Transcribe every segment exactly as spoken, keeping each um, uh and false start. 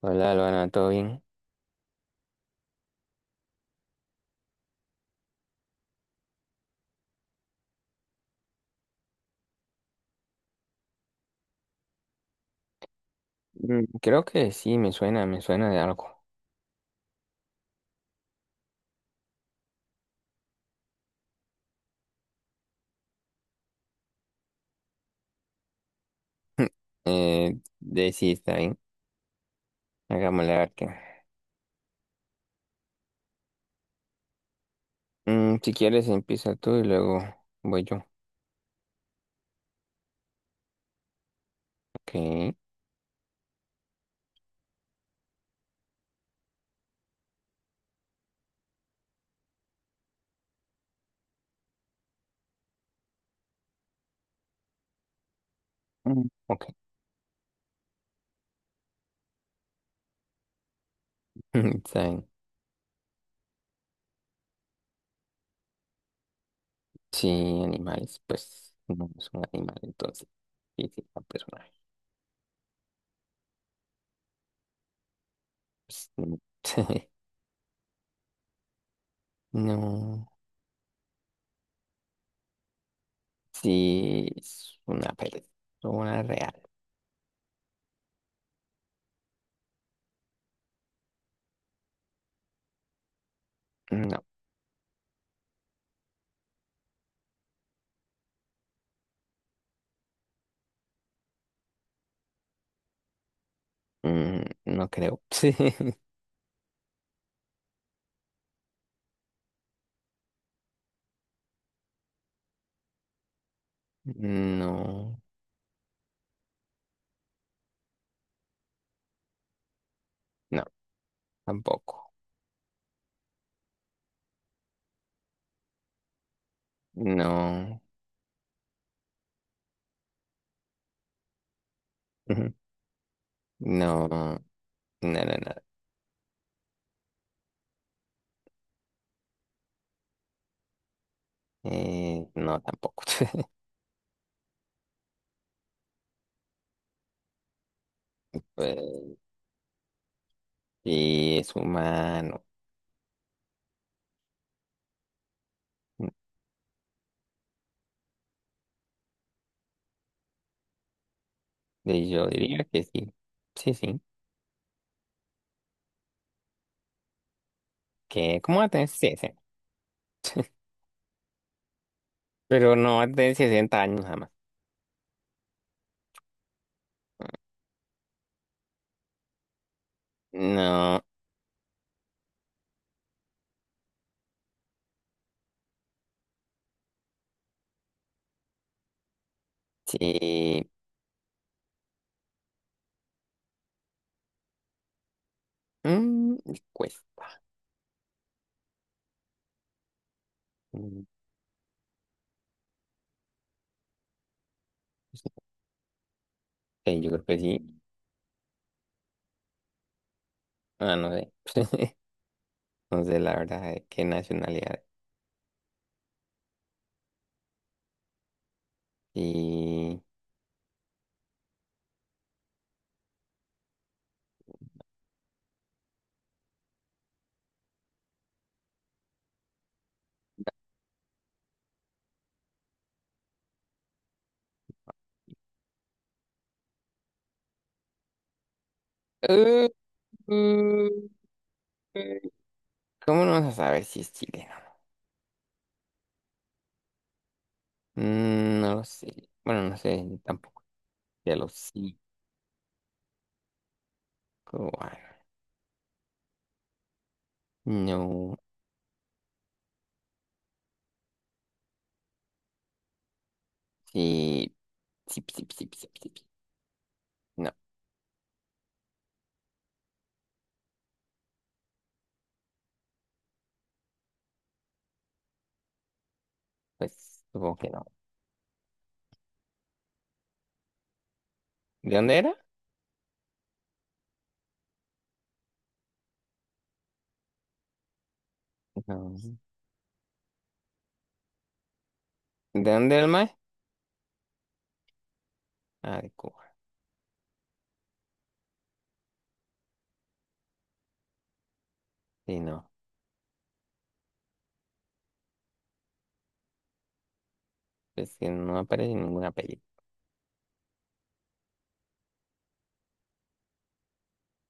Hola, Luana, ¿todo bien? Mm, Creo que sí, me suena, me suena de algo. Eh, de sí, está bien. Hagámosle a ver qué. Mm, si quieres, empieza tú y luego voy yo. Ok. Mm. Ok. Está bien. Sí, animales, pues no es un animal, entonces. Sí, sí, un personaje. Pues, no. No, sí, es una persona real. No, mm, no creo. No, no, tampoco. No, ujú, no, no, no, no, no, eh, no tampoco. Pues, y es humano. Y yo diría que sí, sí, sí. ¿Qué? ¿Cómo va a tener sesenta? Pero no va a tener sesenta años jamás. No, sí, mm, cuesta. Mm, sí, yo creo que sí. Ah, no sé. No sé la verdad de qué nacionalidad. Y. Uh, uh, uh, ¿Cómo no vas a saber si es chileno? Mm, No lo sé. Bueno, no sé, tampoco. Ya lo cinco. Ah, no. Sí. Sí, sí, sí, sí, sí, sí. No, pues supongo que no. ¿De dónde era? No. ¿De dónde era el mae? Ah, de Cuba. Sí, no. Es que no aparece en ninguna peli.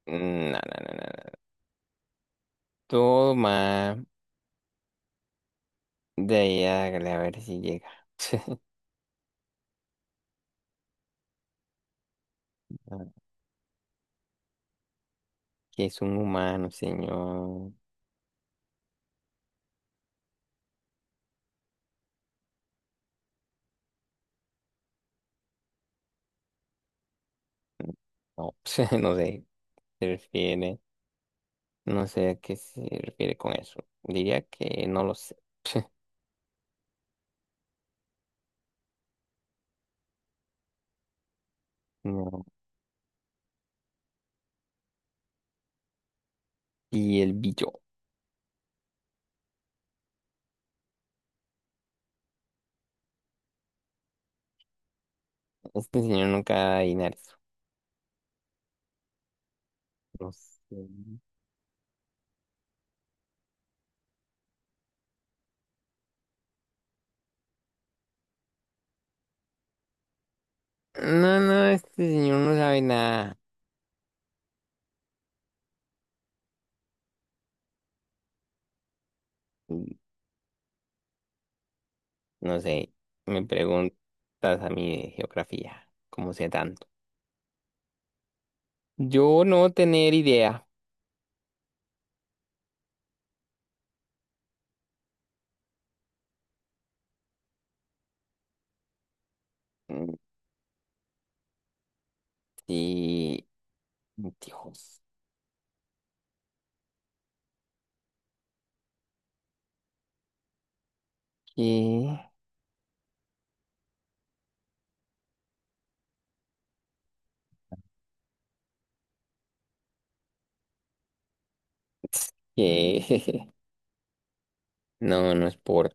Mm, No, no, no, no. No. Toma. De ahí hágale a ver si llega. No, que es un humano, señor. No, no sé. Se refiere. No sé a qué se refiere con eso. Diría que no lo sé. No. Y el billo. Este señor nunca da dinero. No sé. No, no, este señor no sabe nada. Y no sé. Me preguntas a mí de geografía. ¿Cómo sé tanto? Yo no tener idea. Mm, sí. Dios. ¿Qué? ¿Qué? No, no es por.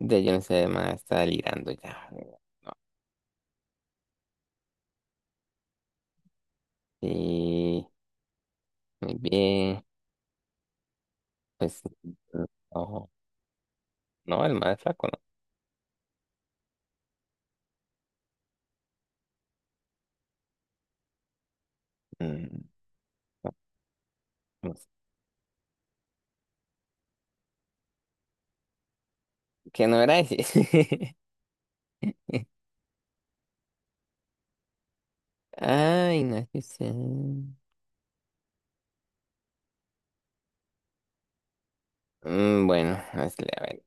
De yo no sé, más está delirando ya. Sí. Muy bien. Pues, mm, no, no, el más flaco no. Mm, no, no sé. Que no era ese. Ay, no es que sea. Mm, bueno, no, es que, a ver.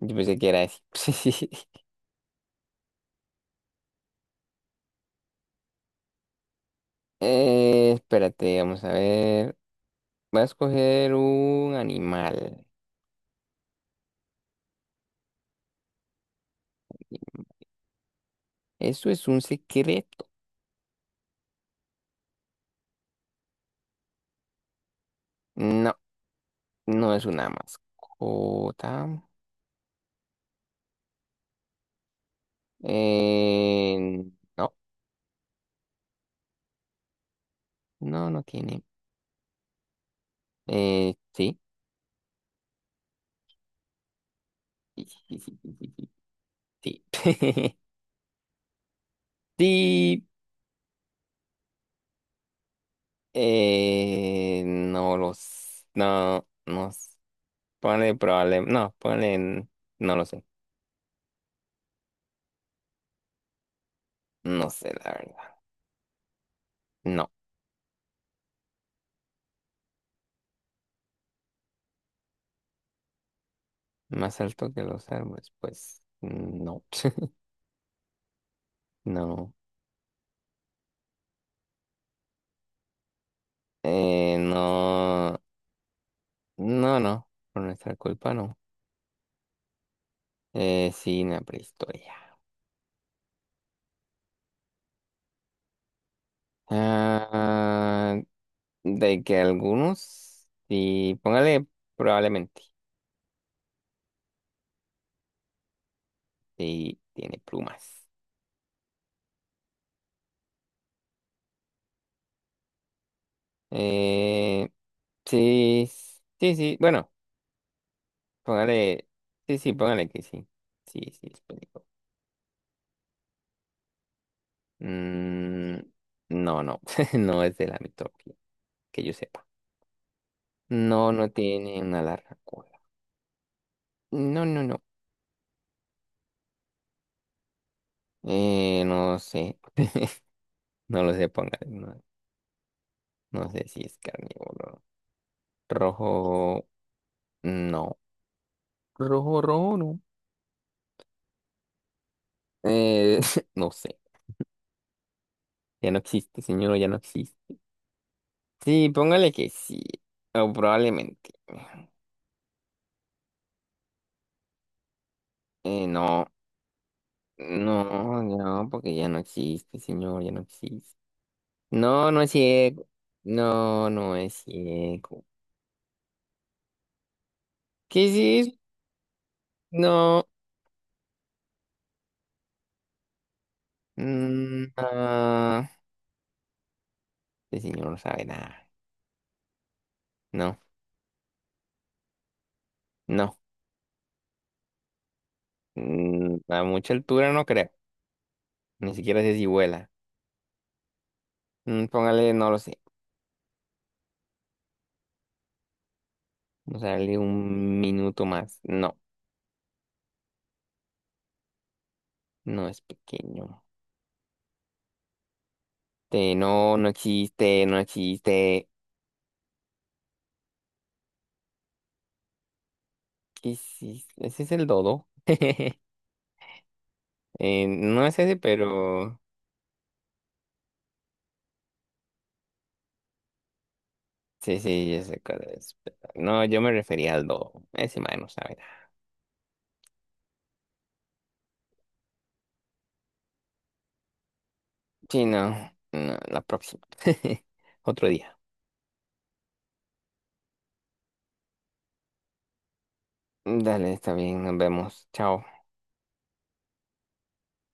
Yo pensé que era ese. Eh, espérate, vamos a ver. Voy a escoger un animal. ¿Eso es un secreto? No, no es una mascota. Eh, no, no, no tiene. Eh, sí. Sí. Sí, eh, no los, no, no, s- ponle probable, no, ponle, en- no lo sé, no sé la verdad, no, más alto que los árboles, pues, no, no, eh, no, no, no, por nuestra culpa no, eh, sí, en la prehistoria, ah, de que algunos, sí, póngale probablemente, sí, tiene plumas, eh. Sí, sí, sí. Bueno, póngale. Sí, sí, póngale que sí. Sí, sí, es película. Mm, no, no. No es de la mitología, que yo sepa. No, no tiene una larga cola. No, no, no. Eh, no sé. No lo sé, póngale. No, no sé si es carnívoro. Rojo, no. Rojo, rojo, no. Eh, no sé. Ya no existe, señor, ya no existe. Sí, póngale que sí. O probablemente. Eh, no. No, no, porque ya no existe, señor, ya no existe. No, no es ciego. No, no es ciego. ¿Qué es eso? No. Mm, ah, este señor no sabe nada. No, no. Mm, a mucha altura no creo. Ni siquiera sé si vuela. Mm, póngale, no lo sé. Vamos a darle un minuto más. No, no es pequeño. Este, no, no existe, no existe. ¿Qué es eso? ¿Ese es el dodo? Eh, no es ese, pero sí, sí, yo sé cuál es, pero no, yo me refería al lobo. Ese man no sabe nada. Sí, no, no, la próxima. Otro día. Dale, está bien, nos vemos. Chao.